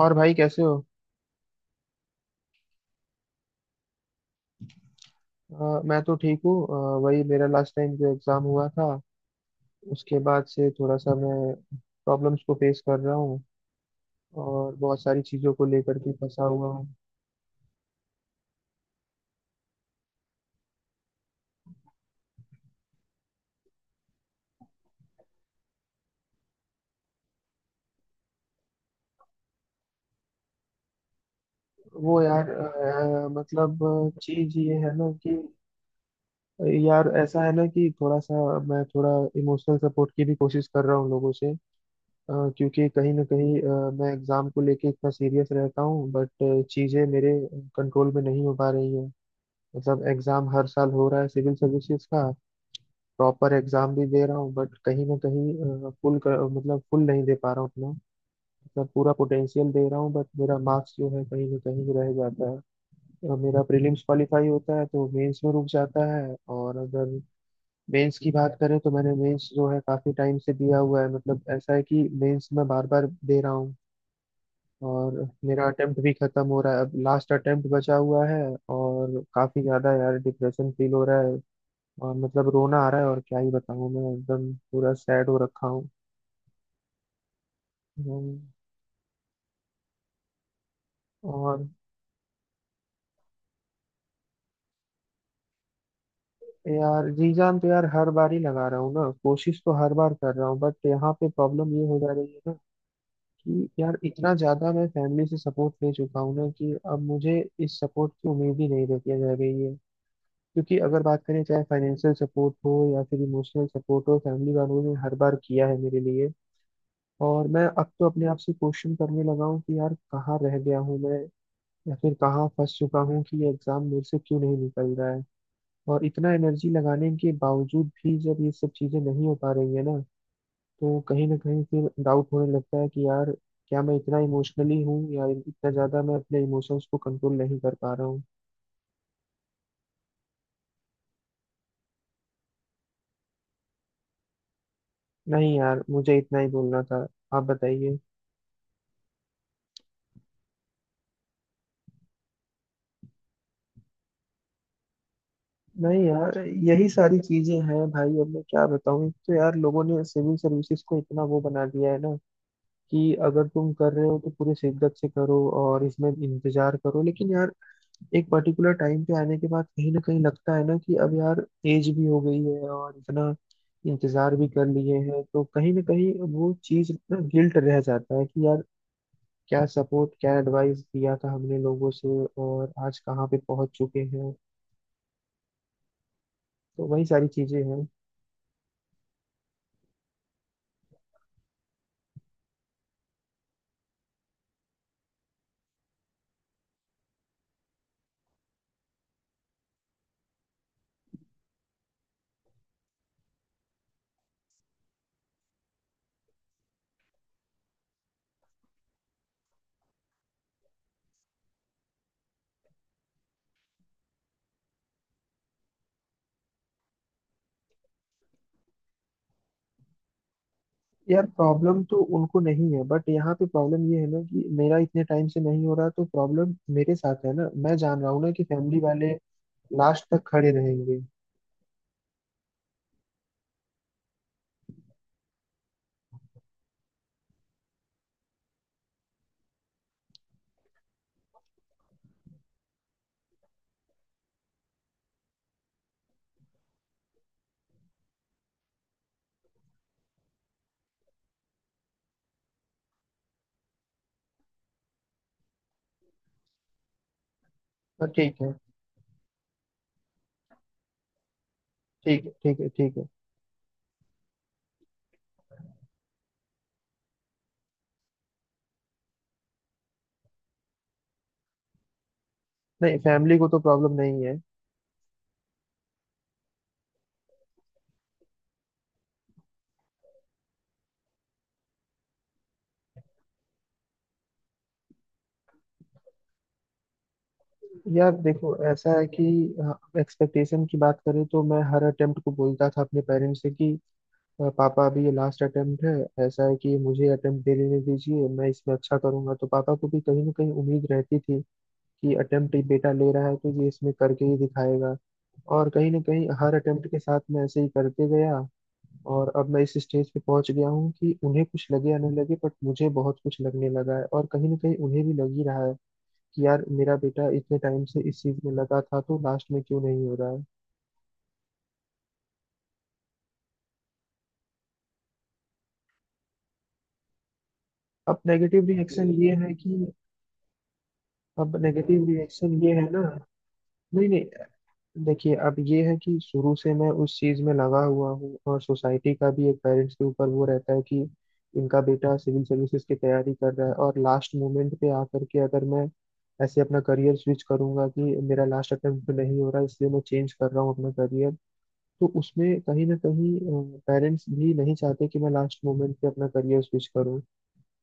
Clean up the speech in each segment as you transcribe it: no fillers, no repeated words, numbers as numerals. और भाई कैसे हो। मैं तो ठीक हूँ। वही मेरा लास्ट टाइम जो एग्ज़ाम हुआ था, उसके बाद से थोड़ा सा मैं प्रॉब्लम्स को फेस कर रहा हूँ और बहुत सारी चीज़ों को लेकर के फंसा हुआ हूँ। वो यार मतलब चीज़ ये है ना कि, यार ऐसा है ना कि थोड़ा सा मैं थोड़ा इमोशनल सपोर्ट की भी कोशिश कर रहा हूँ लोगों से। क्योंकि कहीं ना कहीं मैं एग्ज़ाम को लेके इतना सीरियस रहता हूँ बट चीज़ें मेरे कंट्रोल में नहीं हो पा रही हैं। मतलब एग्जाम हर साल हो रहा है सिविल सर्विसेज का, प्रॉपर एग्जाम भी दे रहा हूँ बट कहीं ना कहीं फुल मतलब फुल नहीं दे पा रहा हूँ अपना, मतलब पूरा पोटेंशियल दे रहा हूँ बट मेरा मार्क्स जो है कहीं ना कहीं रह जाता है। मेरा प्रीलिम्स क्वालिफाई होता है तो मेंस में रुक जाता है, और अगर मेंस की बात करें तो मैंने मेंस जो है काफी टाइम से दिया हुआ है, मतलब ऐसा है कि मेंस मैं बार बार दे रहा हूँ। और मेरा अटेम्प्ट भी खत्म हो रहा है, अब लास्ट अटेम्प्ट बचा हुआ है और काफी ज्यादा यार डिप्रेशन फील हो रहा है। और मतलब रोना आ रहा है और क्या ही बताऊं, मैं एकदम पूरा सैड हो रखा हूँ। हम्म, और यार रीजान तो यार हर बार ही लगा रहा हूँ ना, कोशिश तो हर बार कर रहा हूँ बट यहाँ पे प्रॉब्लम ये हो जा रही है ना कि यार इतना ज्यादा मैं फैमिली से सपोर्ट ले चुका हूँ ना, कि अब मुझे इस सपोर्ट की उम्मीद ही नहीं रहती है रह गई है। क्योंकि अगर बात करें चाहे फाइनेंशियल सपोर्ट हो या फिर इमोशनल सपोर्ट हो, फैमिली वालों ने हर बार किया है मेरे लिए। और मैं अब तो अपने आप से क्वेश्चन करने लगा हूँ कि यार कहाँ रह गया हूँ मैं, या फिर कहाँ फंस चुका हूँ कि ये एग्जाम मेरे से क्यों नहीं निकल रहा है। और इतना एनर्जी लगाने के बावजूद भी जब ये सब चीजें नहीं हो पा रही है ना, तो कहीं ना कहीं फिर डाउट होने लगता है कि यार क्या मैं इतना इमोशनली हूँ, या इतना ज्यादा मैं अपने इमोशंस को कंट्रोल नहीं कर पा रहा हूँ। नहीं यार, मुझे इतना ही बोलना था। आप बताइए। नहीं यार, यही सारी चीजें हैं भाई, अब मैं क्या बताऊँ। एक तो यार लोगों ने सिविल सर्विसेज को इतना वो बना दिया है ना, कि अगर तुम कर रहे हो तो पूरे शिद्दत से करो और इसमें इंतजार करो। लेकिन यार एक पर्टिकुलर टाइम पे आने के बाद कहीं ना कहीं लगता है ना कि अब यार एज भी हो गई है और इतना इंतजार भी कर लिए हैं, तो कहीं ना कहीं वो चीज ना गिल्ट रह जाता है कि यार क्या सपोर्ट क्या एडवाइस दिया था हमने लोगों से, और आज कहाँ पे पहुंच चुके हैं। तो वही सारी चीजें हैं। यार प्रॉब्लम तो उनको नहीं है बट यहाँ पे प्रॉब्लम ये है ना कि मेरा इतने टाइम से नहीं हो रहा, तो प्रॉब्लम मेरे साथ है ना। मैं जान रहा हूँ ना कि फैमिली वाले लास्ट तक खड़े रहेंगे। हाँ ठीक है, ठीक है, ठीक है, ठीक है। नहीं, फैमिली को तो प्रॉब्लम नहीं है। यार देखो, ऐसा है कि एक्सपेक्टेशन की बात करें तो मैं हर अटेम्प्ट को बोलता था अपने पेरेंट्स से कि पापा अभी ये लास्ट अटेम्प्ट है, ऐसा है कि मुझे अटेम्प्ट दे लेने दीजिए, मैं इसमें अच्छा करूंगा"। तो पापा को भी कहीं ना कहीं उम्मीद रहती थी कि अटेम्प्ट बेटा ले रहा है तो ये इसमें करके ही दिखाएगा। और कहीं ना कहीं हर अटेम्प्ट के साथ मैं ऐसे ही करते गया। और अब मैं इस स्टेज पे पहुंच गया हूँ कि उन्हें कुछ लगे या न लगे बट मुझे बहुत कुछ लगने लगा है, और कहीं ना कहीं उन्हें भी लग ही रहा है कि यार मेरा बेटा इतने टाइम से इस चीज में लगा था तो लास्ट में क्यों नहीं हो रहा है। अब नेगेटिव रिएक्शन ये है कि अब नेगेटिव रिएक्शन ये है ना। नहीं नहीं, देखिए अब ये है कि शुरू से मैं उस चीज में लगा हुआ हूँ, और सोसाइटी का भी एक पेरेंट्स के ऊपर वो रहता है कि इनका बेटा सिविल सर्विसेज की तैयारी कर रहा है, और लास्ट मोमेंट पे आकर के अगर मैं ऐसे अपना करियर स्विच करूंगा कि मेरा लास्ट अटेम्प्ट नहीं हो रहा इसलिए मैं चेंज कर रहा हूँ अपना करियर, तो उसमें कहीं ना कहीं पेरेंट्स भी नहीं चाहते कि मैं लास्ट मोमेंट पे अपना करियर स्विच करूँ।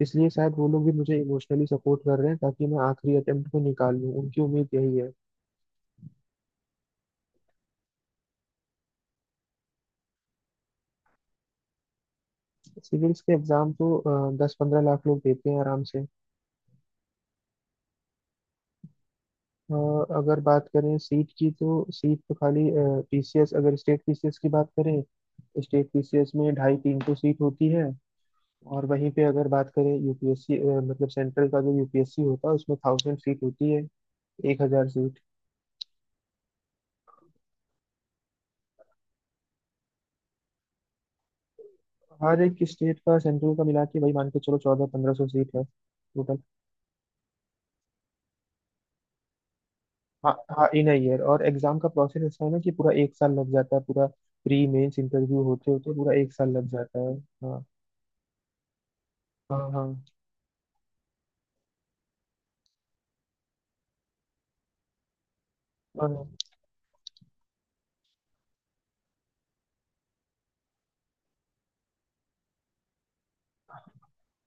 इसलिए शायद वो लोग भी मुझे इमोशनली सपोर्ट कर रहे हैं ताकि मैं आखिरी अटेम्प्ट को निकाल लूँ, उनकी उम्मीद यही है। सिविल्स के एग्जाम तो 10-15 लाख लोग देते हैं आराम से। अ, अगर बात करें सीट की तो सीट तो खाली। पीसीएस, अगर स्टेट पीसीएस की बात करें तो स्टेट पीसीएस में ढाई तीन तो सीट होती है। और वहीं पे अगर बात करें यूपीएससी, मतलब सेंट्रल का जो यूपीएससी होता है, उसमें 1000 सीट होती है। 1000 सीट। हर एक स्टेट का सेंट्रल का मिला के, वही मान के चलो, 1400-1500 सीट है टोटल। हाँ हाँ, इन अ ईयर। और एग्जाम का प्रोसेस ऐसा है ना कि पूरा एक साल लग जाता है पूरा, प्री मेंस इंटरव्यू होते होते पूरा एक साल लग जाता है। हाँ। हाँ हाँ और।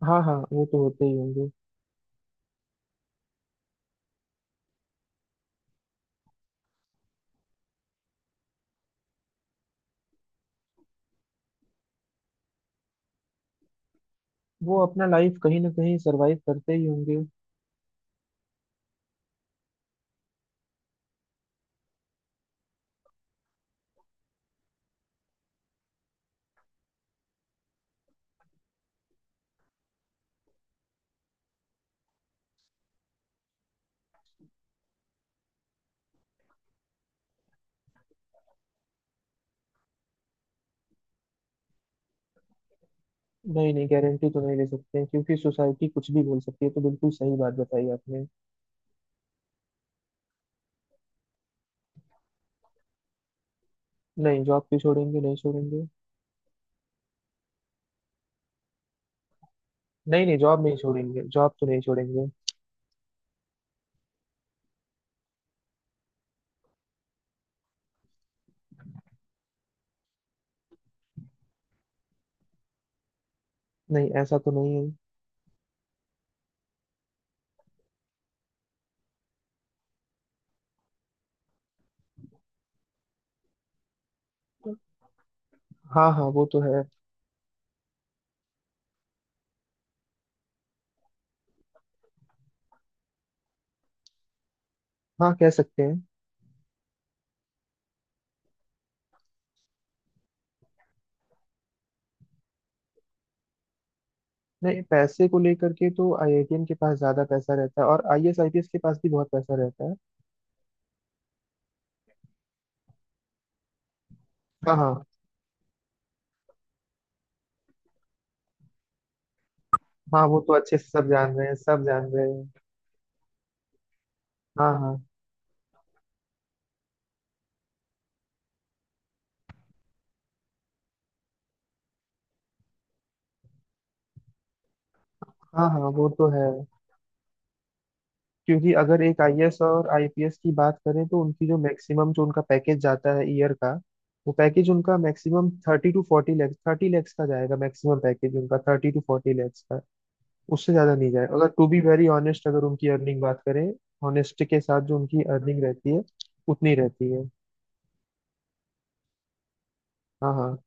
हाँ हाँ, वो तो होते ही होंगे। वो अपना लाइफ कहीं ना कहीं सरवाइव करते ही होंगे। नहीं नहीं, गारंटी तो नहीं ले सकते हैं क्योंकि सोसाइटी कुछ भी बोल सकती है, तो बिल्कुल सही बात बताई आपने। नहीं, जॉब क्यों छोड़ेंगे, नहीं छोड़ेंगे। नहीं नहीं, जॉब नहीं छोड़ेंगे, जॉब तो नहीं छोड़ेंगे। नहीं, ऐसा तो नहीं है। हाँ हाँ, वो तो है। हाँ, कह सकते हैं। नहीं, पैसे को लेकर के तो आईआईटीएन के पास ज्यादा पैसा रहता है और आईएएस आईपीएस के पास भी बहुत पैसा रहता है। हाँ हाँ। हाँ वो तो अच्छे से सब जान रहे हैं, सब जान रहे हैं। हाँ हाँ। हाँ हाँ, वो तो है। क्योंकि अगर एक आईएएस और आईपीएस की बात करें, तो उनकी जो मैक्सिमम जो उनका पैकेज जाता है ईयर का, वो पैकेज उनका मैक्सिमम 30-40 लाख, 30 लाख का जाएगा, मैक्सिमम पैकेज उनका 30-40 लाख का। उससे ज्यादा नहीं जाएगा अगर टू बी वेरी ऑनेस्ट, अगर उनकी अर्निंग बात करें, ऑनेस्टी के साथ जो उनकी अर्निंग रहती है, उतनी रहती है। हाँ हाँ।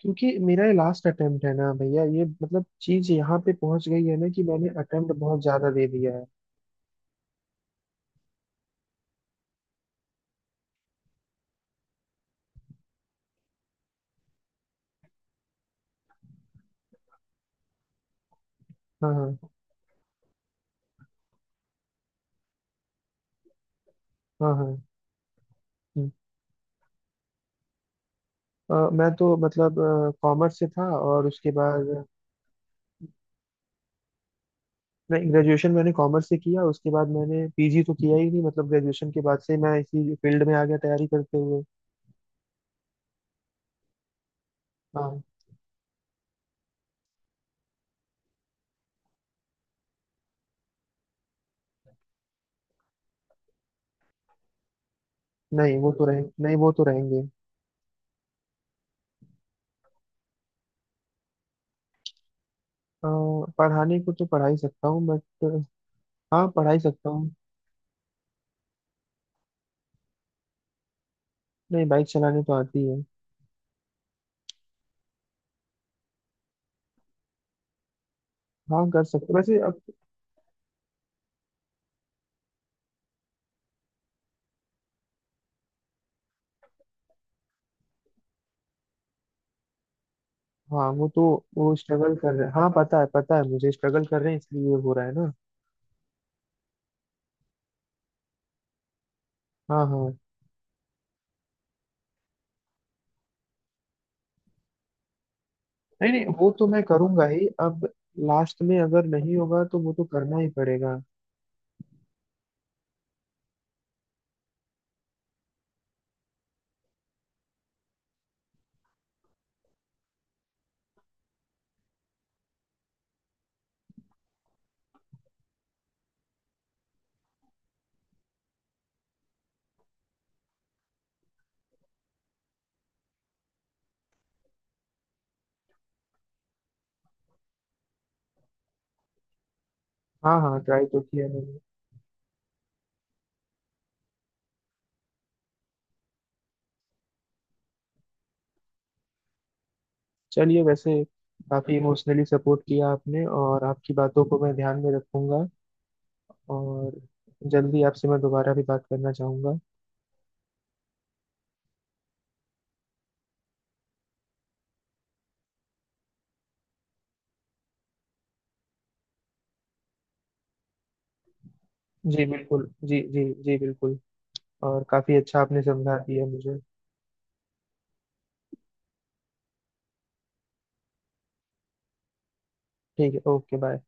क्योंकि मेरा ये लास्ट अटेम्प्ट है ना भैया, ये मतलब चीज यहाँ पे पहुंच गई है ना कि मैंने अटेम्प्ट बहुत ज्यादा दे दिया है। हाँ हाँ। हाँ हाँ। हम्म। मैं तो मतलब कॉमर्स से था और उसके बाद, नहीं ग्रेजुएशन मैंने कॉमर्स से किया उसके बाद मैंने पीजी तो किया ही नहीं, मतलब ग्रेजुएशन के बाद से मैं इसी फील्ड में आ गया तैयारी करते हुए। हाँ। नहीं वो तो रहेंगे। अ, पढ़ाने को तो पढ़ा ही सकता हूँ बट, हाँ पढ़ा ही सकता हूँ। नहीं, बाइक चलाने तो आती है। हाँ, कर सकते वैसे। हाँ वो तो, वो स्ट्रगल कर रहे हैं, हाँ पता है, पता है मुझे, स्ट्रगल कर रहे हैं इसलिए ये हो रहा है ना। हाँ हाँ। नहीं नहीं, वो तो मैं करूंगा ही अब, लास्ट में अगर नहीं होगा तो वो तो करना ही पड़ेगा। हाँ हाँ, ट्राई तो किया मैंने। चलिए वैसे, काफी इमोशनली सपोर्ट किया आपने और आपकी बातों को मैं ध्यान में रखूंगा, और जल्दी आपसे मैं दोबारा भी बात करना चाहूंगा। जी बिल्कुल, जी जी जी बिल्कुल, और काफी अच्छा आपने समझा दिया मुझे। ठीक है। Okay bye.